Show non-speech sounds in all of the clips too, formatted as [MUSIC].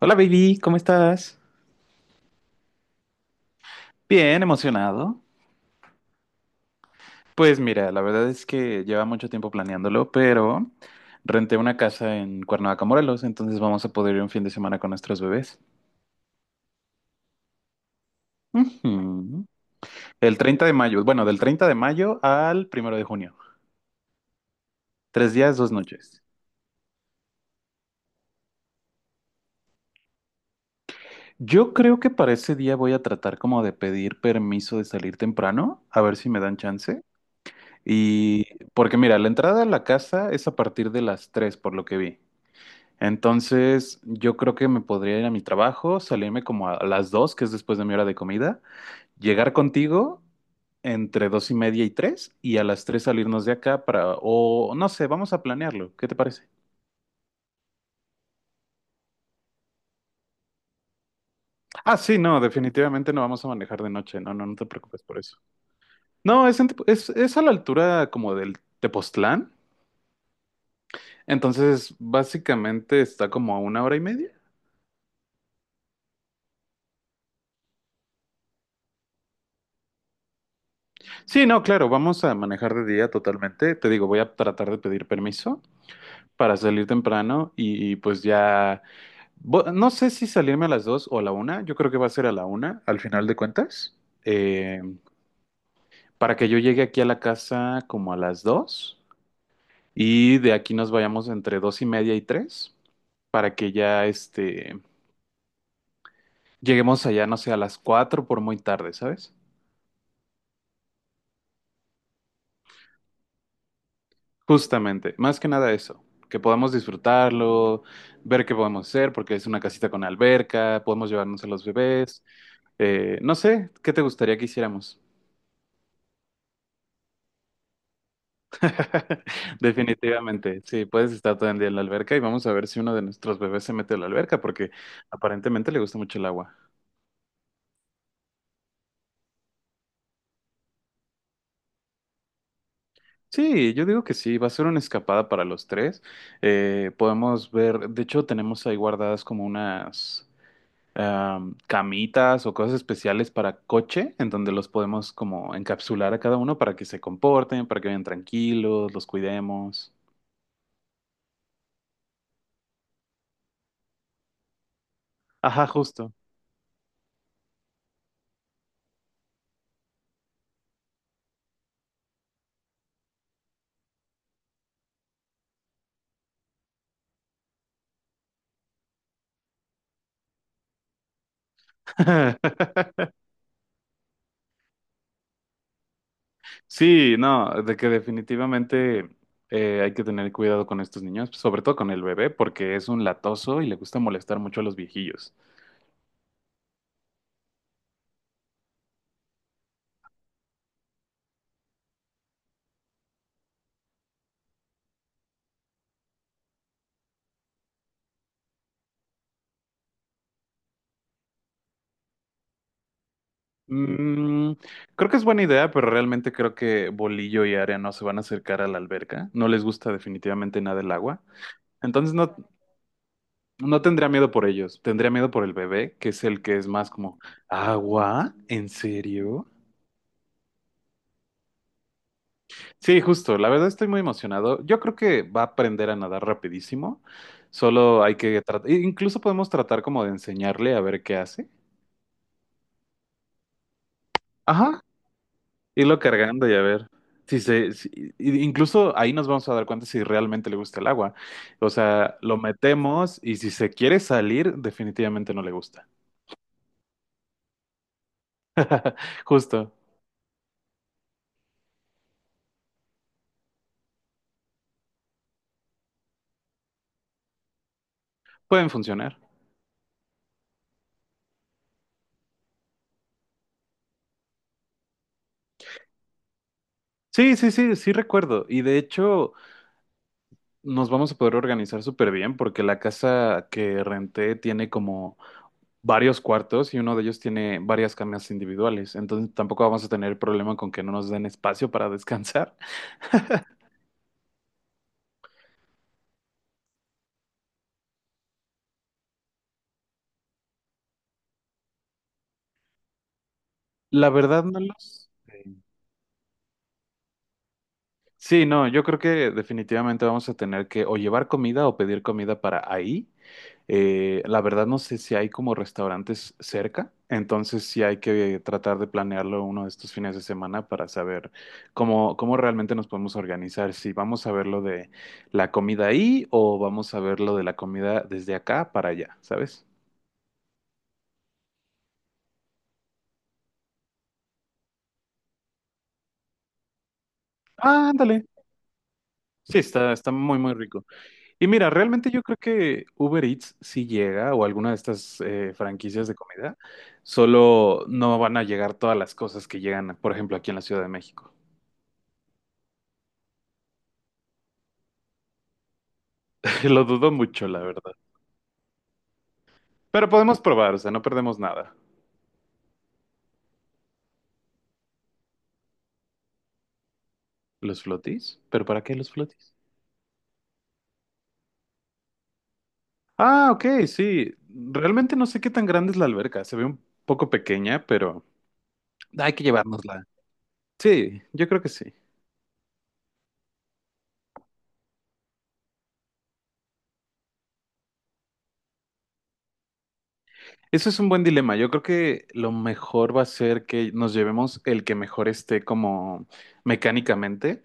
Hola baby, ¿cómo estás? Bien, emocionado. Pues mira, la verdad es que lleva mucho tiempo planeándolo, pero renté una casa en Cuernavaca, Morelos, entonces vamos a poder ir un fin de semana con nuestros bebés. Ujú. El 30 de mayo, bueno, del 30 de mayo al 1 de junio. 3 días, 2 noches. Yo creo que para ese día voy a tratar como de pedir permiso de salir temprano, a ver si me dan chance. Y porque mira, la entrada a la casa es a partir de las 3, por lo que vi. Entonces, yo creo que me podría ir a mi trabajo, salirme como a las dos, que es después de mi hora de comida, llegar contigo entre dos y media y tres, y a las tres salirnos de acá para, o no sé, vamos a planearlo. ¿Qué te parece? Ah, sí, no, definitivamente no vamos a manejar de noche. No, no, no te preocupes por eso. No, es, en es a la altura como del Tepoztlán. Entonces, básicamente está como a 1 hora y media. Sí, no, claro, vamos a manejar de día totalmente. Te digo, voy a tratar de pedir permiso para salir temprano pues ya, no sé si salirme a las dos o a la una, yo creo que va a ser a la una al final de cuentas, eh, para que yo llegue aquí a la casa como a las dos y de aquí nos vayamos entre dos y media y tres, para que ya este, lleguemos allá, no sé, a las cuatro por muy tarde, ¿sabes? Justamente, más que nada eso, que podamos disfrutarlo, ver qué podemos hacer, porque es una casita con alberca, podemos llevarnos a los bebés. No sé, ¿qué te gustaría que hiciéramos? [LAUGHS] Definitivamente, sí, puedes estar todo el día en la alberca y vamos a ver si uno de nuestros bebés se mete a la alberca, porque aparentemente le gusta mucho el agua. Sí, yo digo que sí, va a ser una escapada para los tres. Podemos ver, de hecho, tenemos ahí guardadas como unas... camitas o cosas especiales para coche, en donde los podemos como encapsular a cada uno para que se comporten, para que vayan tranquilos, los cuidemos. Ajá, justo. [LAUGHS] Sí, no, de que definitivamente hay que tener cuidado con estos niños, sobre todo con el bebé, porque es un latoso y le gusta molestar mucho a los viejillos. Mm, creo que es buena idea, pero realmente creo que Bolillo y Área no se van a acercar a la alberca. No les gusta definitivamente nada el agua. Entonces no, No tendría miedo por ellos, tendría miedo por el bebé, que es el que es más como, ¿agua? ¿En serio? Sí, justo, la verdad estoy muy emocionado. Yo creo que va a aprender a nadar rapidísimo, solo hay que tratar, incluso podemos tratar como de enseñarle a ver qué hace. Ajá, irlo cargando y a ver. Si se, si- i- incluso ahí nos vamos a dar cuenta si realmente le gusta el agua. O sea, lo metemos y si se quiere salir, definitivamente no le gusta. Justo, pueden funcionar. Sí, sí, sí, sí recuerdo. Y de hecho, nos vamos a poder organizar súper bien porque la casa que renté tiene como varios cuartos y uno de ellos tiene varias camas individuales. Entonces tampoco vamos a tener problema con que no nos den espacio para [LAUGHS] descansar. La verdad, no los... Sí, no, yo creo que definitivamente vamos a tener que o llevar comida o pedir comida para ahí. La verdad no sé si hay como restaurantes cerca, entonces sí hay que tratar de planearlo uno de estos fines de semana para saber cómo realmente nos podemos organizar, si vamos a ver lo de la comida ahí o vamos a ver lo de la comida desde acá para allá, ¿sabes? Ah, ándale. Sí, está muy, muy rico. Y mira, realmente yo creo que Uber Eats sí llega o alguna de estas franquicias de comida, solo no van a llegar todas las cosas que llegan, por ejemplo, aquí en la Ciudad de México. Lo dudo mucho, la verdad. Pero podemos probar, o sea, no perdemos nada. ¿Los flotis? ¿Pero para qué los flotis? Ah, ok, sí. Realmente no sé qué tan grande es la alberca. Se ve un poco pequeña, pero hay que llevárnosla. Sí, yo creo que sí. Eso es un buen dilema. Yo creo que lo mejor va a ser que nos llevemos el que mejor esté como mecánicamente.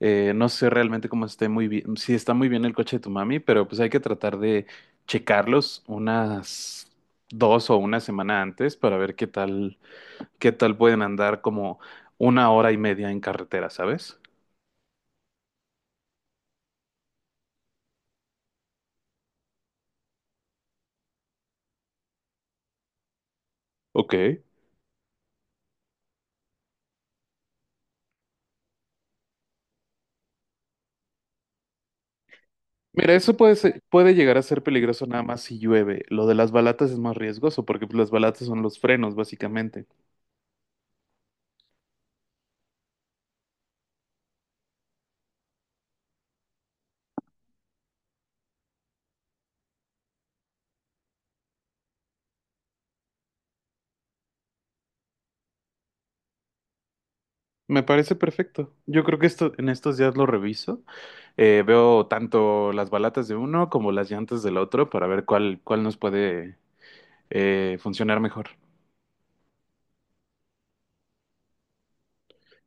No sé realmente cómo esté muy bien, si está muy bien el coche de tu mami, pero pues hay que tratar de checarlos unas dos o una semana antes para ver qué tal pueden andar como 1 hora y media en carretera, ¿sabes? Ok. Mira, eso puede llegar a ser peligroso nada más si llueve. Lo de las balatas es más riesgoso porque pues, las balatas son los frenos, básicamente. Me parece perfecto. Yo creo que esto en estos días lo reviso. Veo tanto las balatas de uno como las llantas del otro para ver cuál nos puede funcionar mejor.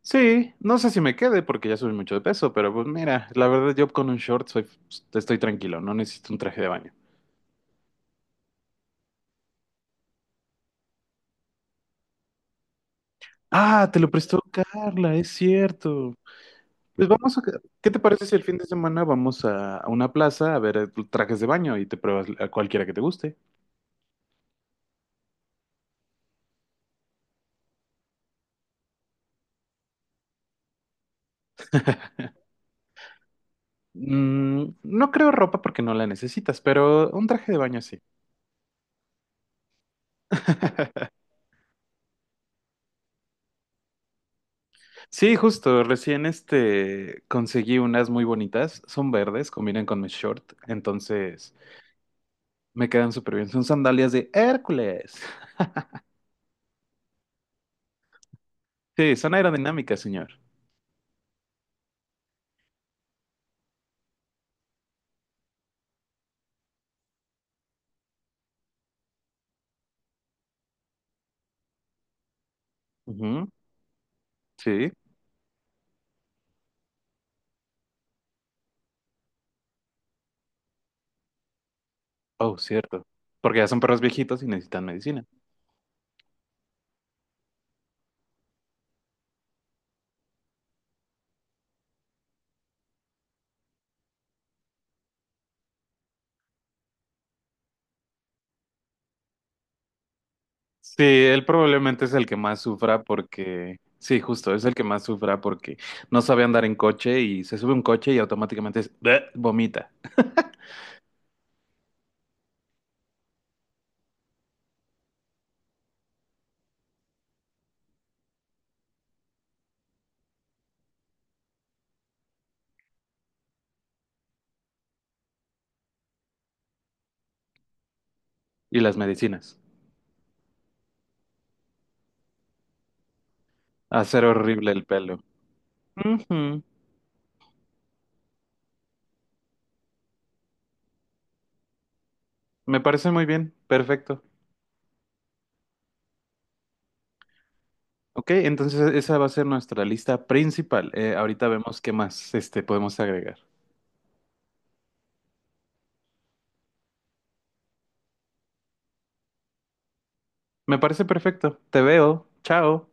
Sí, no sé si me quede porque ya subí mucho de peso, pero pues mira, la verdad yo con un short soy, estoy tranquilo, no necesito un traje de baño. Ah, te lo prestó Carla, es cierto. Pues vamos a... ¿Qué te parece si el fin de semana vamos a una plaza a ver trajes de baño y te pruebas a cualquiera que te guste? No creo ropa porque no la necesitas, pero un traje de baño sí. [LAUGHS] Sí, justo, recién este conseguí unas muy bonitas, son verdes, combinan con mi short, entonces me quedan súper bien. Son sandalias de Hércules. Sí, son aerodinámicas, señor. Ujú, sí. Oh, cierto. Porque ya son perros viejitos y necesitan medicina. Sí, él probablemente es el que más sufra porque, sí, justo, es el que más sufra porque no sabe andar en coche y se sube a un coche y automáticamente es- "Bleh", vomita. Y las medicinas. Hacer horrible el pelo. Ujú. Me parece muy bien, perfecto. Ok, entonces esa va a ser nuestra lista principal. Ahorita vemos qué más este, podemos agregar. Me parece perfecto. Te veo. Chao.